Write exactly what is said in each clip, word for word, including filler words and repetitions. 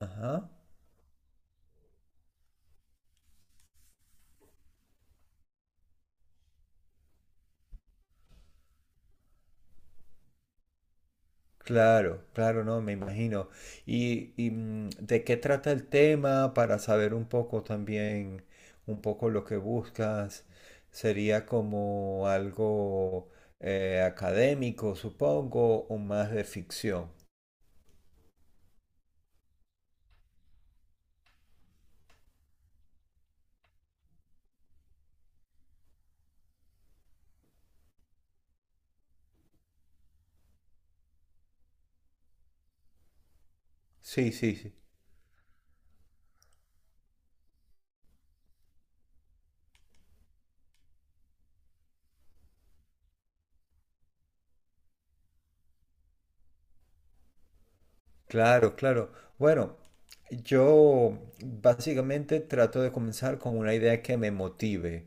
Ajá. Claro, claro, no, me imagino. ¿Y, y, mm, de qué trata el tema para saber un poco también, un poco lo que buscas? ¿Sería como algo eh, académico, supongo, o más de ficción? Sí, sí, sí. Claro, claro. Bueno, yo básicamente trato de comenzar con una idea que me motive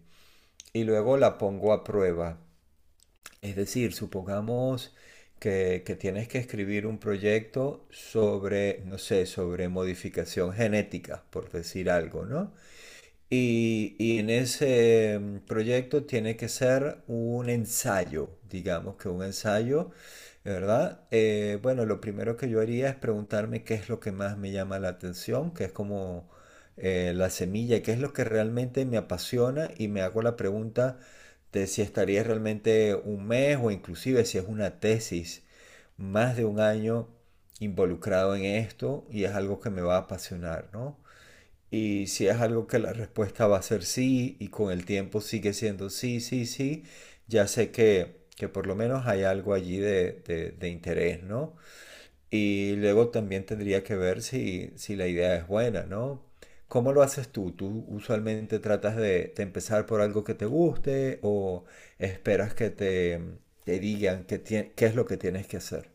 y luego la pongo a prueba. Es decir, supongamos que, que tienes que escribir un proyecto sobre, no sé, sobre modificación genética, por decir algo, ¿no? Y, y en ese mm, proyecto tiene que ser un ensayo, digamos que un ensayo, ¿verdad? Eh, bueno, lo primero que yo haría es preguntarme qué es lo que más me llama la atención, que es como eh, la semilla, qué es lo que realmente me apasiona, y me hago la pregunta de si estaría realmente un mes o inclusive, si es una tesis, más de un año involucrado en esto, y es algo que me va a apasionar, ¿no? Y si es algo que la respuesta va a ser sí y con el tiempo sigue siendo sí, sí, sí, ya sé que, que por lo menos hay algo allí de, de- de interés, ¿no? Y luego también tendría que ver si, si la idea es buena, ¿no? ¿Cómo lo haces tú? ¿Tú usualmente tratas de, de empezar por algo que te guste, o esperas que te, te digan qué tie- qué es lo que tienes que hacer?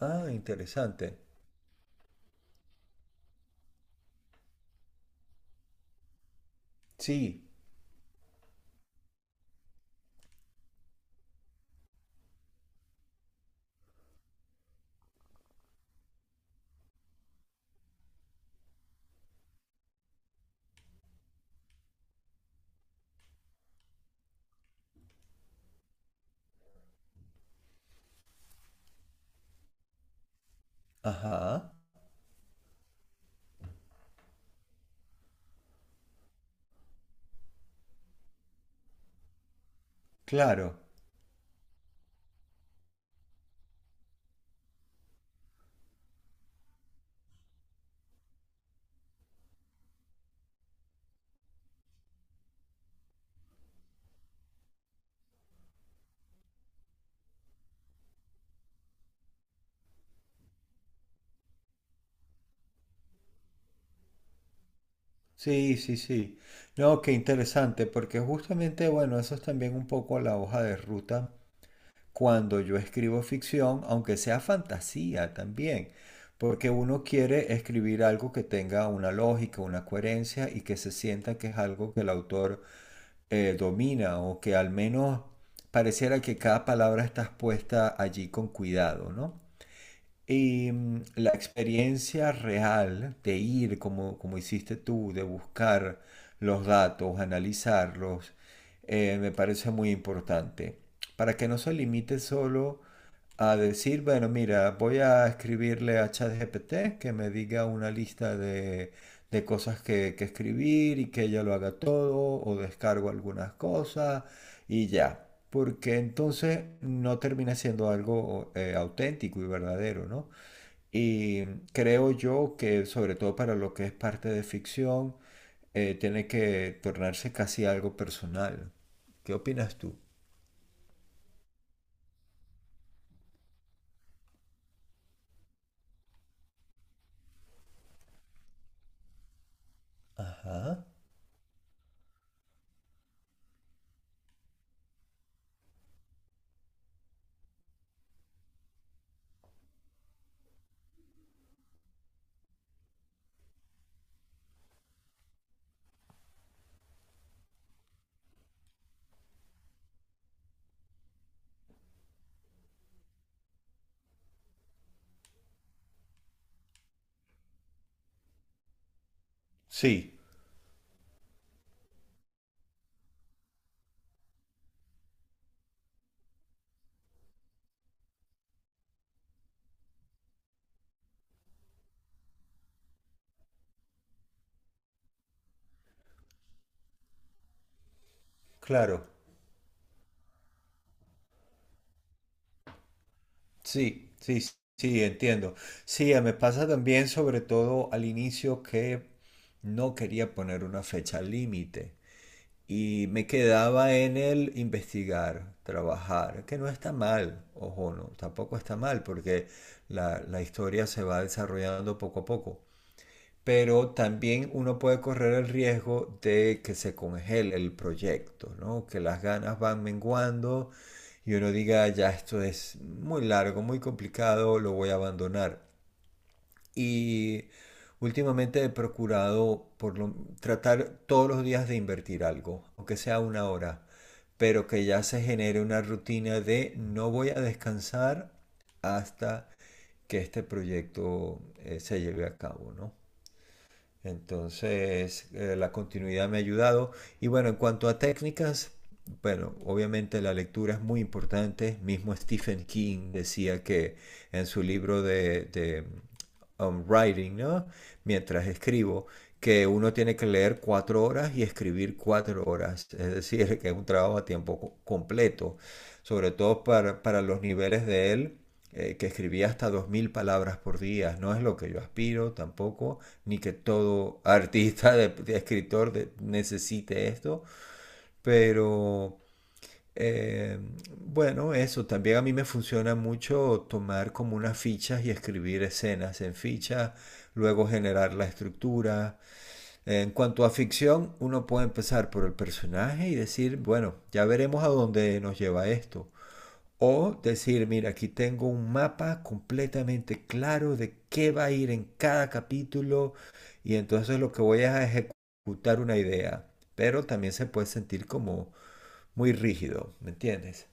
Ah, interesante. Sí. Ajá. Claro. Sí, sí, sí. No, qué interesante, porque justamente, bueno, eso es también un poco la hoja de ruta cuando yo escribo ficción, aunque sea fantasía también, porque uno quiere escribir algo que tenga una lógica, una coherencia y que se sienta que es algo que el autor eh, domina, o que al menos pareciera que cada palabra está puesta allí con cuidado, ¿no? Y mm, la experiencia real de ir, como, como hiciste tú, de buscar los datos, analizarlos, eh, me parece muy importante. Para que no se limite solo a decir, bueno, mira, voy a escribirle a ChatGPT que me diga una lista de, de cosas que, que escribir y que ella lo haga todo, o descargo algunas cosas, y ya. Porque entonces no termina siendo algo eh, auténtico y verdadero, ¿no? Y creo yo que sobre todo para lo que es parte de ficción, eh, tiene que tornarse casi algo personal. ¿Qué opinas tú? Ajá. Sí, claro. Sí, sí, sí, entiendo. Sí, eh, me pasa también sobre todo al inicio, que no quería poner una fecha límite. Y me quedaba en el investigar, trabajar, que no está mal, ojo, no, tampoco está mal, porque la, la historia se va desarrollando poco a poco. Pero también uno puede correr el riesgo de que se congele el proyecto, ¿no? Que las ganas van menguando y uno diga, "Ah, ya esto es muy largo, muy complicado, lo voy a abandonar". Y últimamente he procurado por lo- tratar todos los días de invertir algo, aunque sea una hora, pero que ya se genere una rutina de no voy a descansar hasta que este proyecto eh, se lleve a cabo, ¿no? Entonces, eh, la continuidad me ha ayudado. Y bueno, en cuanto a técnicas, bueno, obviamente la lectura es muy importante. Mismo Stephen King decía que en su libro de, de, um, Writing, ¿no? Mientras escribo, que uno tiene que leer cuatro horas y escribir cuatro horas. Es decir, que es un trabajo a tiempo completo, sobre todo para, para los niveles de él, eh, que escribía hasta dos mil palabras por día. No es lo que yo aspiro tampoco, ni que todo artista, de, de escritor, de, necesite esto, pero... Eh, bueno, eso también a mí me funciona mucho, tomar como unas fichas y escribir escenas en fichas, luego generar la estructura. Eh, En cuanto a ficción, uno puede empezar por el personaje y decir, bueno, ya veremos a dónde nos lleva esto. O decir, mira, aquí tengo un mapa completamente claro de qué va a ir en cada capítulo, y entonces lo que voy a ejecutar una idea. Pero también se puede sentir como muy rígido, ¿me entiendes?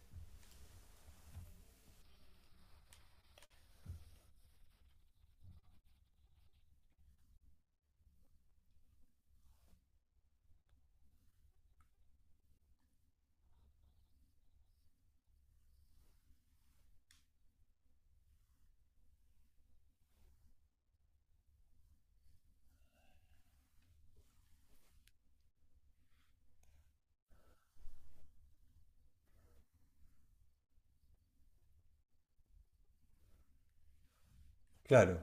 Claro,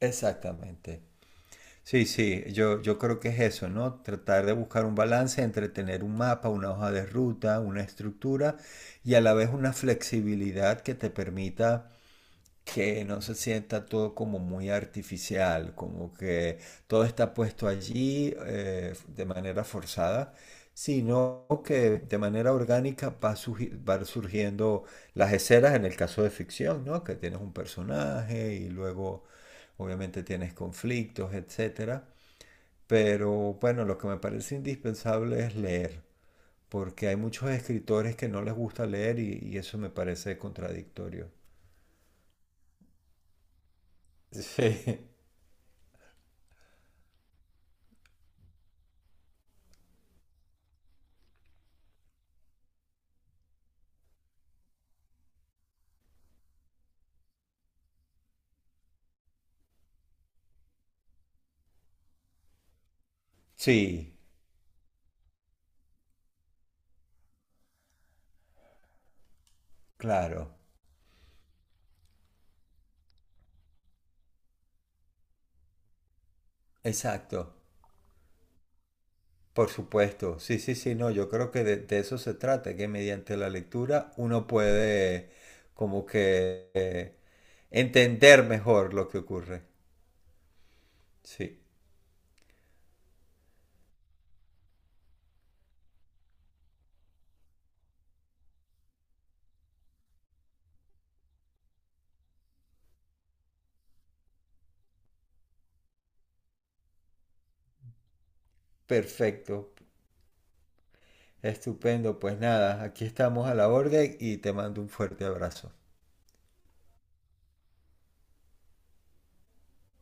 exactamente. Sí, sí, yo, yo creo que es eso, ¿no? Tratar de buscar un balance entre tener un mapa, una hoja de ruta, una estructura, y a la vez una flexibilidad que te permita que no se sienta todo como muy artificial, como que todo está puesto allí eh, de manera forzada, sino que de manera orgánica va, sugi- van surgiendo las escenas en el caso de ficción, ¿no? Que tienes un personaje y luego obviamente tienes conflictos, etcétera. Pero bueno, lo que me parece indispensable es leer, porque hay muchos escritores que no les gusta leer, y, y eso me parece contradictorio. Sí. Sí. Claro, exacto, por supuesto. Sí, sí, sí, no, yo creo que de, de eso se trata, que mediante la lectura uno puede como que eh, entender mejor lo que ocurre. Sí, perfecto, estupendo. Pues nada, aquí estamos a la orden y te mando un fuerte abrazo.